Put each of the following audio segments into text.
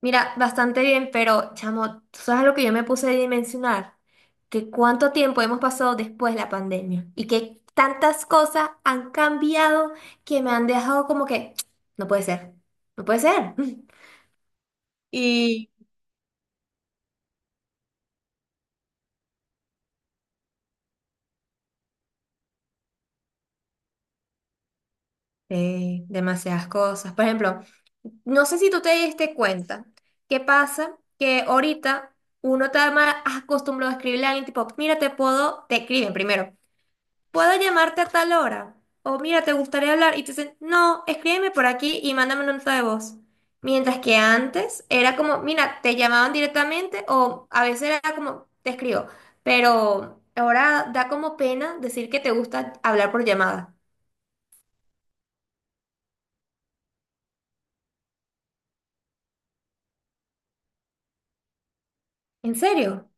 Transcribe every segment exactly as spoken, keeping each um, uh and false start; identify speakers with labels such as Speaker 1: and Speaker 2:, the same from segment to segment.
Speaker 1: Mira, bastante bien, pero chamo, ¿tú sabes lo que yo me puse a dimensionar? Que cuánto tiempo hemos pasado después de la pandemia y que tantas cosas han cambiado que me han dejado como que, no puede ser, no puede ser. Y eh, demasiadas cosas. Por ejemplo, no sé si tú te diste cuenta qué pasa que ahorita uno está más acostumbrado a escribirle a alguien tipo, mira, te puedo, te escriben primero. ¿Puedo llamarte a tal hora? O mira, ¿te gustaría hablar? Y te dicen, no, escríbeme por aquí y mándame una nota de voz. Mientras que antes era como, mira, te llamaban directamente o a veces era como, te escribo. Pero ahora da como pena decir que te gusta hablar por llamada. ¿En serio?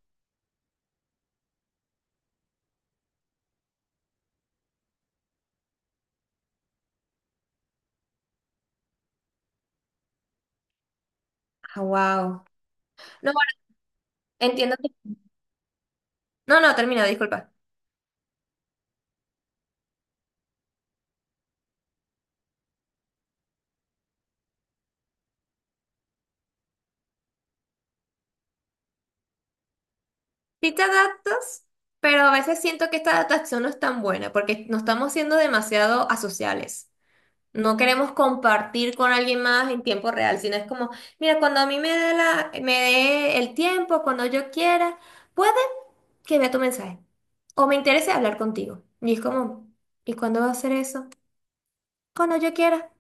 Speaker 1: Ah, wow. No, bueno, entiendo que- No, no, termina, disculpa. Sí te adaptas, pero a veces siento que esta adaptación no es tan buena porque no estamos siendo demasiado asociales. No queremos compartir con alguien más en tiempo real, sino es como, mira, cuando a mí me dé la, me dé el tiempo, cuando yo quiera, puede que vea tu mensaje. O me interese hablar contigo. Y es como, ¿y cuándo va a hacer eso? Cuando yo quiera.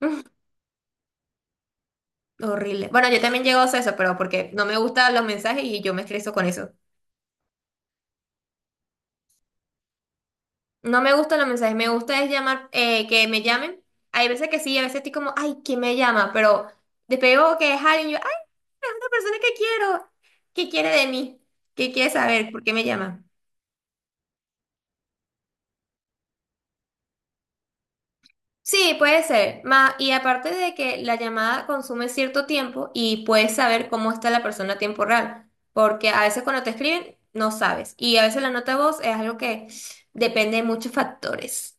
Speaker 1: Horrible. Bueno, yo también llego a hacer eso, pero porque no me gustan los mensajes y yo me estreso con eso. No me gustan los mensajes, me gusta es llamar, eh, que me llamen. Hay veces que sí, a veces estoy como, ay, ¿quién me llama? Pero después veo que es alguien, yo, es una persona que quiero. ¿Qué quiere de mí? ¿Qué quiere saber? ¿Por qué me llama? Sí, puede ser. Ma- y aparte de que la llamada consume cierto tiempo y puedes saber cómo está la persona a tiempo real, porque a veces cuando te escriben no sabes y a veces la nota de voz es algo que depende de muchos factores.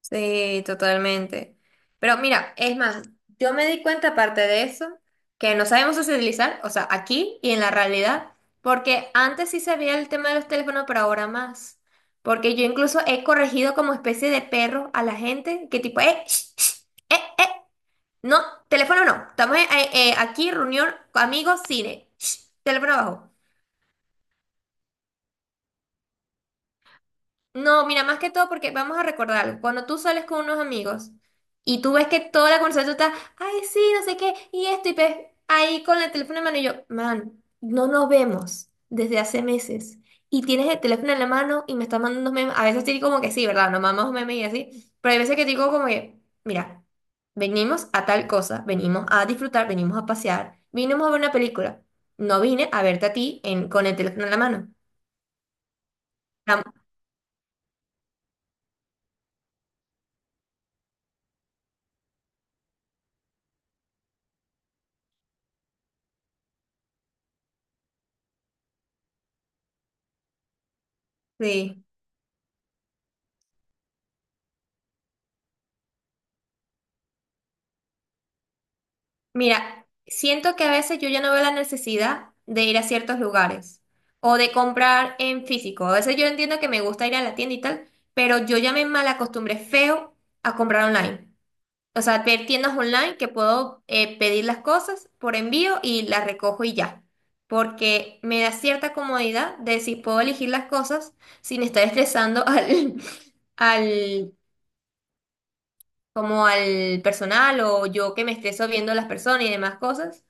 Speaker 1: Sí, totalmente. Pero mira, es más, yo me di cuenta aparte de eso, que no sabemos socializar, o sea, aquí y en la realidad, porque antes sí sabía el tema de los teléfonos, pero ahora más. Porque yo incluso he corregido como especie de perro a la gente, que tipo, eh, sh, sh, eh, eh, no, teléfono no, estamos eh, eh, aquí, reunión, amigos, cine, sh, teléfono abajo. No, mira, más que todo porque vamos a recordar, cuando tú sales con unos amigos y tú ves que toda la conversación está, ay, sí, no sé qué, y esto, y ves ahí con el teléfono en mano y yo, man, no nos vemos desde hace meses y tienes el teléfono en la mano y me estás mandando unos memes, a veces te digo como que sí, ¿verdad? Nos mandamos memes y así, pero hay veces que te digo como que, mira, venimos a tal cosa, venimos a disfrutar, venimos a pasear, vinimos a ver una película, no vine a verte a ti en, con el teléfono en la mano. Am- Sí. Mira, siento que a veces yo ya no veo la necesidad de ir a ciertos lugares o de comprar en físico. A veces yo entiendo que me gusta ir a la tienda y tal, pero yo ya me malacostumbré feo a comprar online. O sea, ver tiendas online que puedo eh, pedir las cosas por envío y las recojo y ya. Porque me da cierta comodidad de si puedo elegir las cosas sin estar estresando al, al, como al personal o yo que me estreso viendo las personas y demás cosas,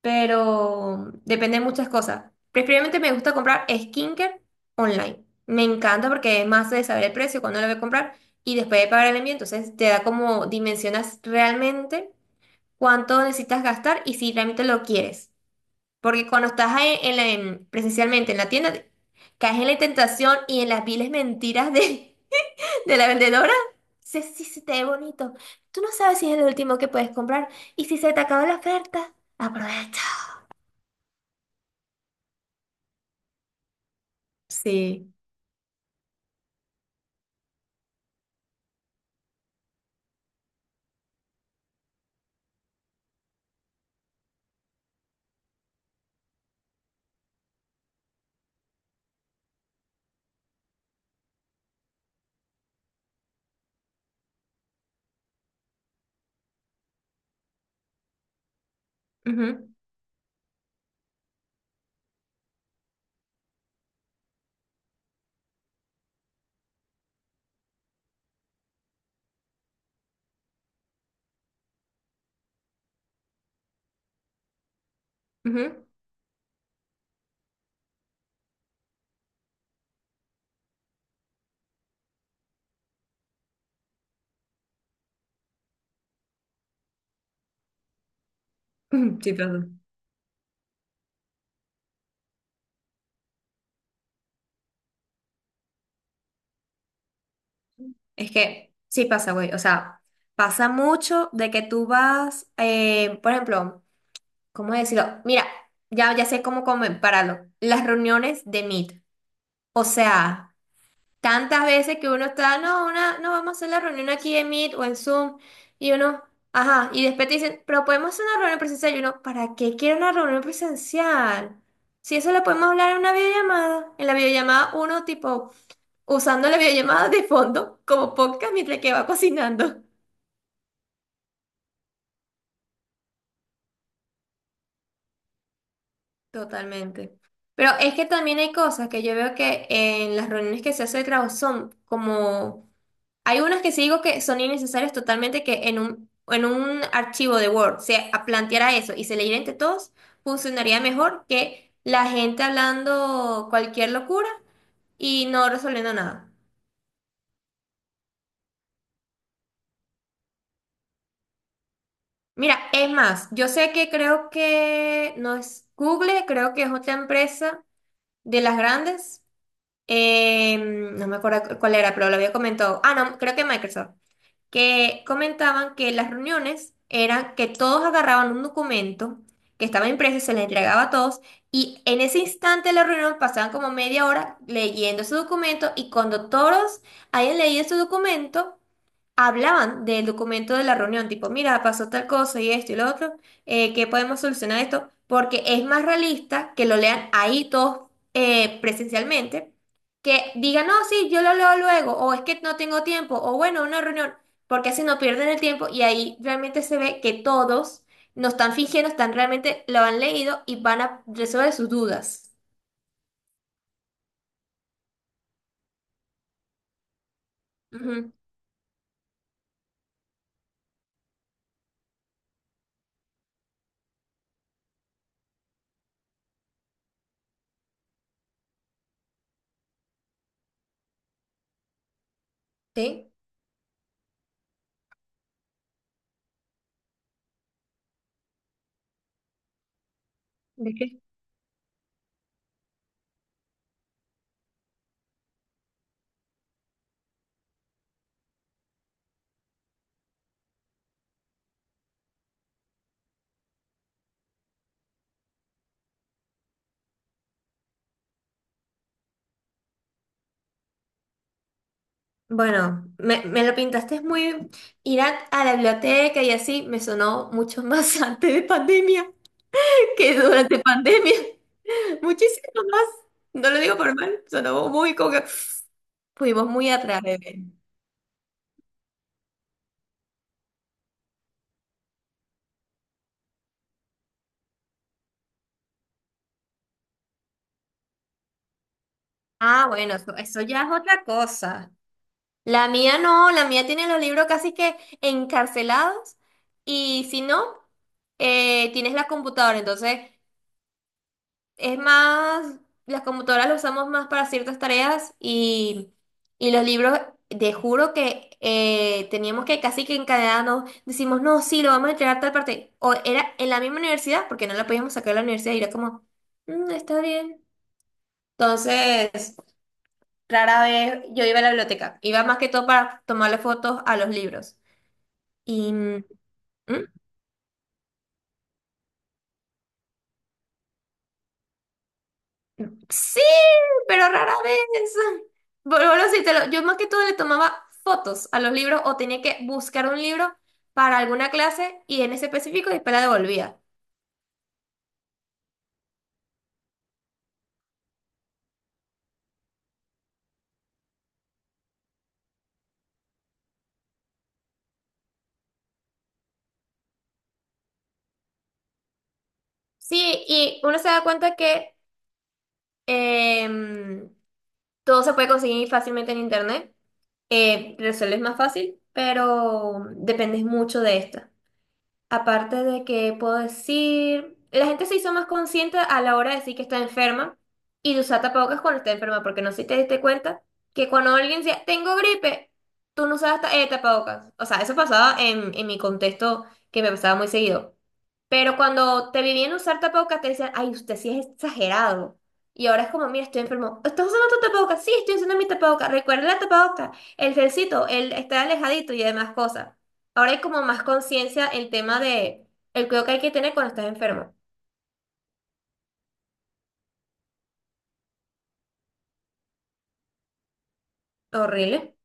Speaker 1: pero depende de muchas cosas. Preferiblemente me gusta comprar skincare online. Me encanta porque es más de saber el precio, cuándo lo voy a comprar y después de pagar el envío, entonces te da como dimensionas realmente cuánto necesitas gastar y si realmente lo quieres. Porque cuando estás ahí en la- en- presencialmente en la tienda, caes en la tentación y en las viles mentiras de, de la vendedora. Sí, sí, sí, te ve bonito. Tú no sabes si es el último que puedes comprar y si se te acabó la oferta, aprovecha. Sí. Ujú, ujú. Ujú, sí pasa. Es que sí pasa, güey. O sea, pasa mucho de que tú vas, eh, por ejemplo, ¿cómo decirlo? Mira, ya, ya sé cómo compararlo. Las reuniones de Meet. O sea, tantas veces que uno está, no, una, no vamos a hacer la reunión aquí en Meet o en Zoom. Y uno, ajá. Y después te dicen, pero podemos hacer una reunión presencial. Y uno, ¿para qué quiero una reunión presencial? Si eso lo podemos hablar en una videollamada. En la videollamada uno tipo usando la videollamada de fondo como podcast mientras que va cocinando. Totalmente. Pero es que también hay cosas que yo veo que en las reuniones que se hace de trabajo son como... Hay unas que sí digo que son innecesarias totalmente, que en un, en un archivo de Word se a- planteara eso y se leyera entre todos, funcionaría mejor que la gente hablando cualquier locura y no resolviendo nada. Mira, es más, yo sé que creo que no es Google, creo que es otra empresa de las grandes, eh, no me acuerdo cu- cuál era, pero lo había comentado. Ah, no, creo que Microsoft. Que comentaban que las reuniones eran que todos agarraban un documento que estaba impreso y se les entregaba a todos. Y en ese instante de la reunión pasaban como media hora leyendo ese documento. Y cuando todos hayan leído ese documento, hablaban del documento de la reunión, tipo, mira, pasó tal cosa y esto y lo otro, eh, ¿qué podemos solucionar esto? Porque es más realista que lo lean ahí todos eh, presencialmente, que digan, no, sí, yo lo leo luego, o es que no tengo tiempo, o bueno, una reunión, porque así no pierden el tiempo y ahí realmente se ve que todos no están fingiendo, están realmente lo han leído y van a resolver sus dudas. Ujú. ¿Sí? Bueno, me, me lo pintaste muy ir a, a la biblioteca y así me sonó mucho más antes de pandemia que durante pandemia. Muchísimo más. No lo digo por mal, sonó muy como que fuimos muy atrás, bebé. Ah, bueno, eso, eso ya es otra cosa. La mía no, la mía tiene los libros casi que encarcelados y si no, eh, tienes la computadora, entonces. Es más, las computadoras las usamos más para ciertas tareas, y, y los libros, te juro que eh, teníamos que casi que encadenarnos, decimos, no, sí, lo vamos a entregar a tal parte. O era en la misma universidad, porque no la podíamos sacar de la universidad y era como, "Mm, está bien". Entonces, rara vez yo iba a la biblioteca, iba más que todo para tomarle fotos a los libros. Y, mm, sí, pero rara vez. Bueno, bueno, sí, te lo- yo más que todo le tomaba fotos a los libros o tenía que buscar un libro para alguna clase y en ese específico después la devolvía. Sí, y uno se da cuenta que em, todo se puede conseguir fácilmente en internet. Eh, resuelves más fácil, pero dependes mucho de esto. Aparte de que puedo decir, la gente se hizo más consciente a la hora de decir que está enferma y de usar tapabocas cuando está enferma, porque no sé si te diste cuenta que cuando alguien decía, tengo gripe, tú no usabas ta- eh, tapabocas. O sea, eso pasaba en, en mi contexto, que me pasaba muy seguido. Pero cuando te vivían usar tapabocas, te decían, ay, usted sí es exagerado. Y ahora es como, mira, estoy enfermo. ¿Estás usando tu tapabocas? Sí, estoy usando mi tapabocas. Recuerda la tapabocas, el gelcito, el estar alejadito y demás cosas. Ahora hay como más conciencia el tema de el cuidado que hay que tener cuando estás enfermo. Horrible.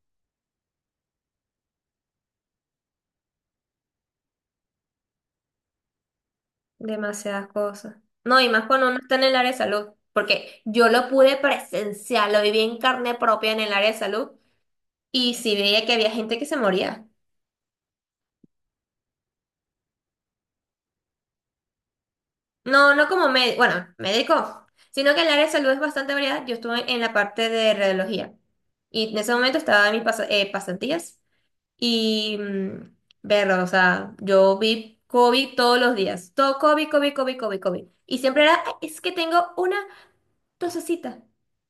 Speaker 1: Demasiadas cosas. No, y más cuando uno está en el área de salud. Porque yo lo pude presenciar, lo viví en carne propia en el área de salud. Y sí veía que había gente que se moría. No, no como médico, bueno, médico, sino que el área de salud es bastante variada. Yo estuve en la parte de radiología. Y en ese momento estaba en mis pas- eh, pasantías. Y mm, verlo, o sea, yo vi COVID todos los días. Todo COVID, COVID, COVID, COVID, COVID. Y siempre era, "Ay, es que tengo una tosecita".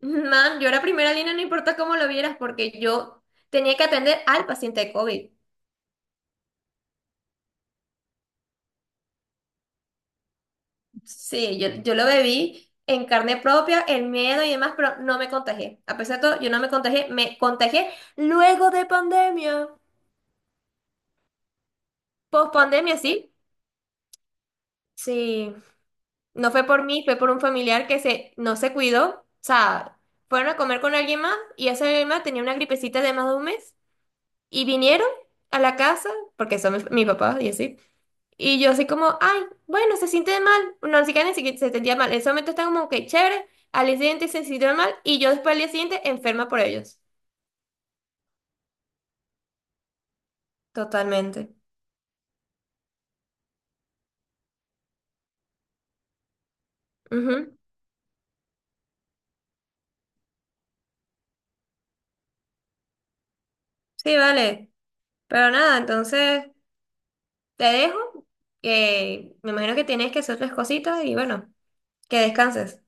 Speaker 1: Man, yo era primera línea, no importa cómo lo vieras, porque yo tenía que atender al paciente de COVID. Sí, yo, yo lo bebí en carne propia, el miedo y demás, pero no me contagié. A pesar de todo, yo no me contagié, me contagié luego de pandemia. Post pandemia, sí. Sí. No fue por mí, fue por un familiar que se, no se cuidó. O sea, fueron a comer con alguien más y ese alguien más tenía una gripecita de más de un mes y vinieron a la casa, porque son mis, mis papás y así. Y yo así como, ay, bueno, se siente mal. No, ni siquiera ni siquiera se sentía mal. En ese momento está como que chévere. Al día siguiente se sintió mal y yo después al día siguiente enferma por ellos. Totalmente. Ujú. Sí, vale. Pero nada, entonces te dejo. Que me imagino que tienes que hacer otras cositas y bueno, que descanses.